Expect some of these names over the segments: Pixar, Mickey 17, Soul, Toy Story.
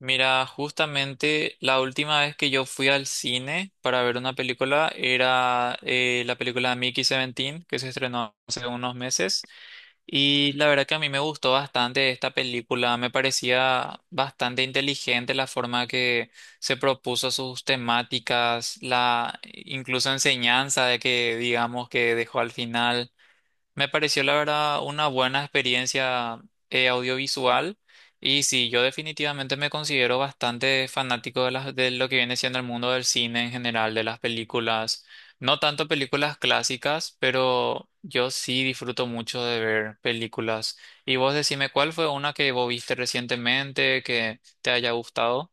Mira, justamente la última vez que yo fui al cine para ver una película era la película Mickey 17, que se estrenó hace unos meses, y la verdad que a mí me gustó bastante esta película. Me parecía bastante inteligente la forma que se propuso sus temáticas, la incluso enseñanza de que digamos que dejó al final. Me pareció la verdad una buena experiencia audiovisual. Y sí, yo definitivamente me considero bastante fanático de, las, de lo que viene siendo el mundo del cine en general, de las películas, no tanto películas clásicas, pero yo sí disfruto mucho de ver películas. Y vos decime, ¿cuál fue una que vos viste recientemente que te haya gustado?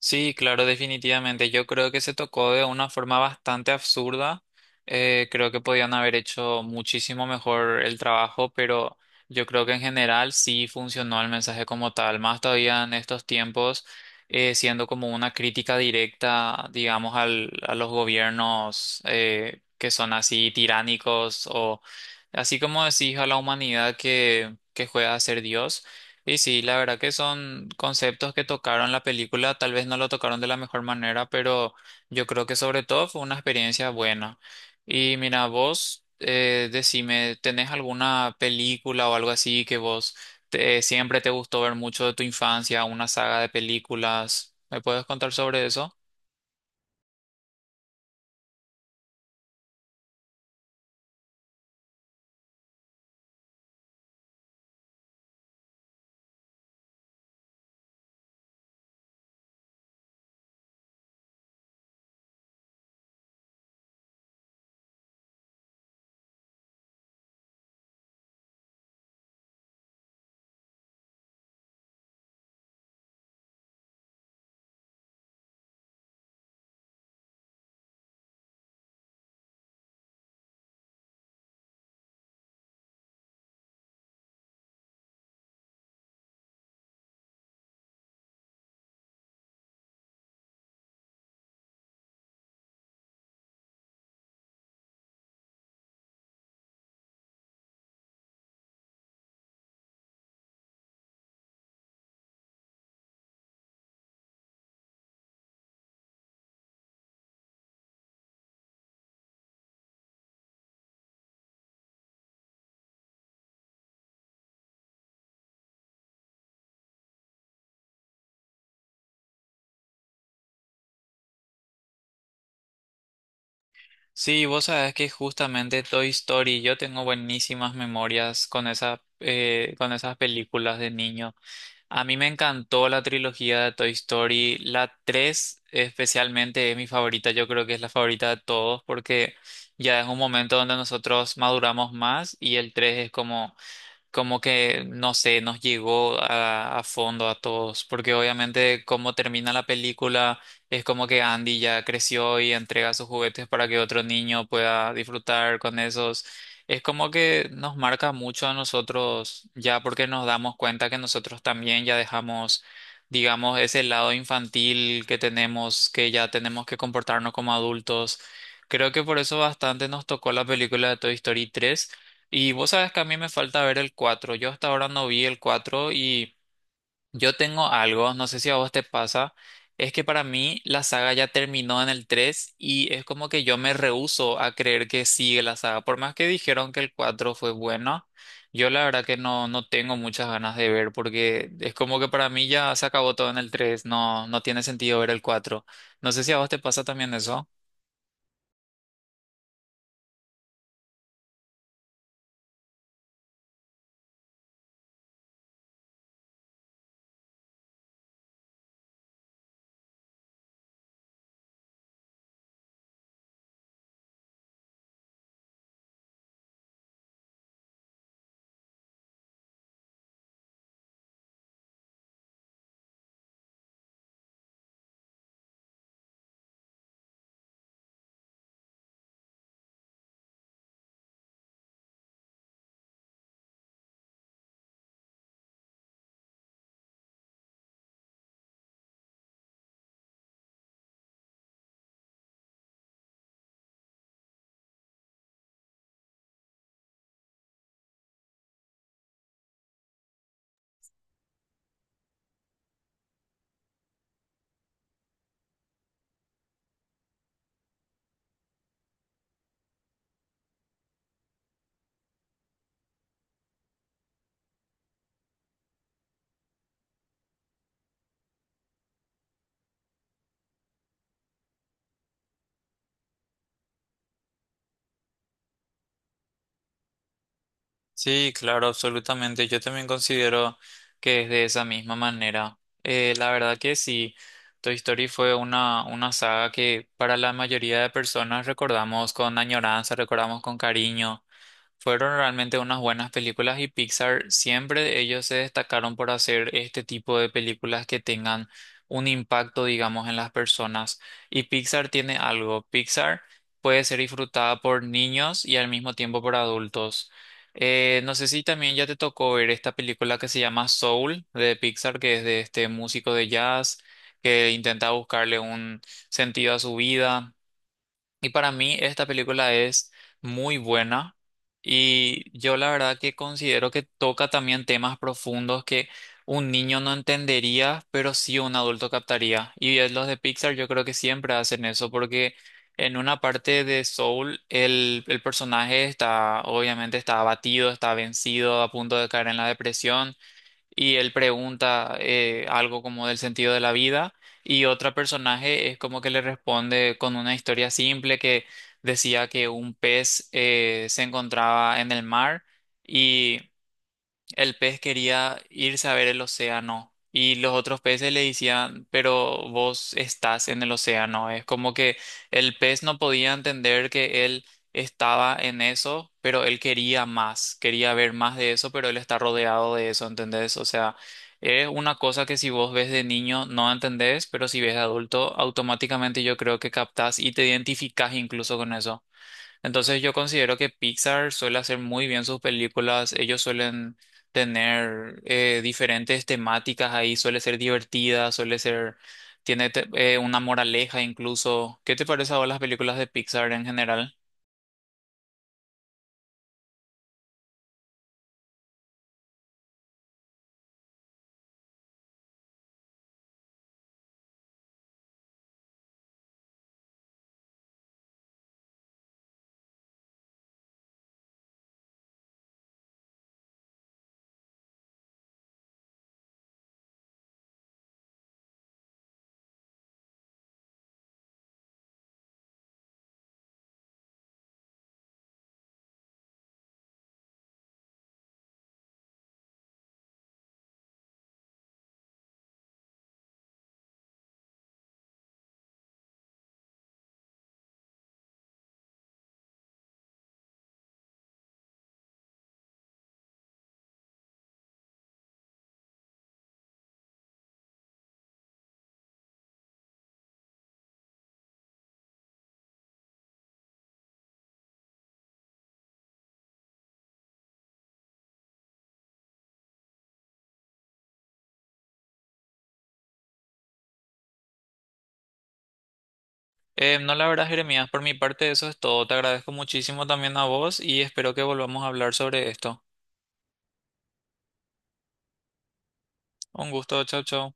Sí, claro, definitivamente. Yo creo que se tocó de una forma bastante absurda. Creo que podían haber hecho muchísimo mejor el trabajo, pero yo creo que en general sí funcionó el mensaje como tal. Más todavía en estos tiempos, siendo como una crítica directa, digamos, al, a los gobiernos que son así tiránicos o así como decís a la humanidad que juega a ser Dios. Y sí, la verdad que son conceptos que tocaron la película, tal vez no lo tocaron de la mejor manera, pero yo creo que sobre todo fue una experiencia buena. Y mira, vos, decime, ¿tenés alguna película o algo así que vos siempre te gustó ver mucho de tu infancia, una saga de películas? ¿Me puedes contar sobre eso? Sí, vos sabés que justamente Toy Story, yo tengo buenísimas memorias con esa, con esas películas de niño. A mí me encantó la trilogía de Toy Story. La 3, especialmente, es mi favorita. Yo creo que es la favorita de todos porque ya es un momento donde nosotros maduramos más, y el 3 es como que, no sé, nos llegó a fondo a todos, porque obviamente como termina la película, es como que Andy ya creció y entrega sus juguetes para que otro niño pueda disfrutar con esos. Es como que nos marca mucho a nosotros, ya porque nos damos cuenta que nosotros también ya dejamos, digamos, ese lado infantil que tenemos, que ya tenemos que comportarnos como adultos. Creo que por eso bastante nos tocó la película de Toy Story tres, y vos sabes que a mí me falta ver el 4. Yo hasta ahora no vi el 4 y yo tengo algo, no sé si a vos te pasa, es que para mí la saga ya terminó en el 3 y es como que yo me rehúso a creer que sigue la saga. Por más que dijeron que el 4 fue bueno, yo la verdad que no, no tengo muchas ganas de ver, porque es como que para mí ya se acabó todo en el 3. No, no tiene sentido ver el 4. No sé si a vos te pasa también eso. Sí, claro, absolutamente. Yo también considero que es de esa misma manera. La verdad que sí, Toy Story fue una saga que para la mayoría de personas recordamos con añoranza, recordamos con cariño. Fueron realmente unas buenas películas, y Pixar siempre, ellos se destacaron por hacer este tipo de películas que tengan un impacto, digamos, en las personas. Y Pixar tiene algo. Pixar puede ser disfrutada por niños y al mismo tiempo por adultos. No sé si también ya te tocó ver esta película que se llama Soul, de Pixar, que es de este músico de jazz que intenta buscarle un sentido a su vida. Y para mí esta película es muy buena, y yo la verdad que considero que toca también temas profundos que un niño no entendería, pero sí un adulto captaría. Y es, los de Pixar yo creo que siempre hacen eso, porque en una parte de Soul el personaje está, obviamente, está abatido, está vencido, a punto de caer en la depresión, y él pregunta algo como del sentido de la vida, y otro personaje es como que le responde con una historia simple que decía que un pez se encontraba en el mar, y el pez quería irse a ver el océano, y los otros peces le decían, pero vos estás en el océano. Es como que el pez no podía entender que él estaba en eso, pero él quería más, quería ver más de eso, pero él está rodeado de eso, ¿entendés? O sea, es una cosa que si vos ves de niño no entendés, pero si ves de adulto, automáticamente yo creo que captás y te identificás incluso con eso. Entonces yo considero que Pixar suele hacer muy bien sus películas, ellos suelen tener diferentes temáticas ahí, suele ser divertida, suele ser, tiene una moraleja incluso. ¿Qué te parece ahora las películas de Pixar en general? No, la verdad, Jeremías, por mi parte eso es todo. Te agradezco muchísimo también a vos y espero que volvamos a hablar sobre esto. Un gusto, chao, chao.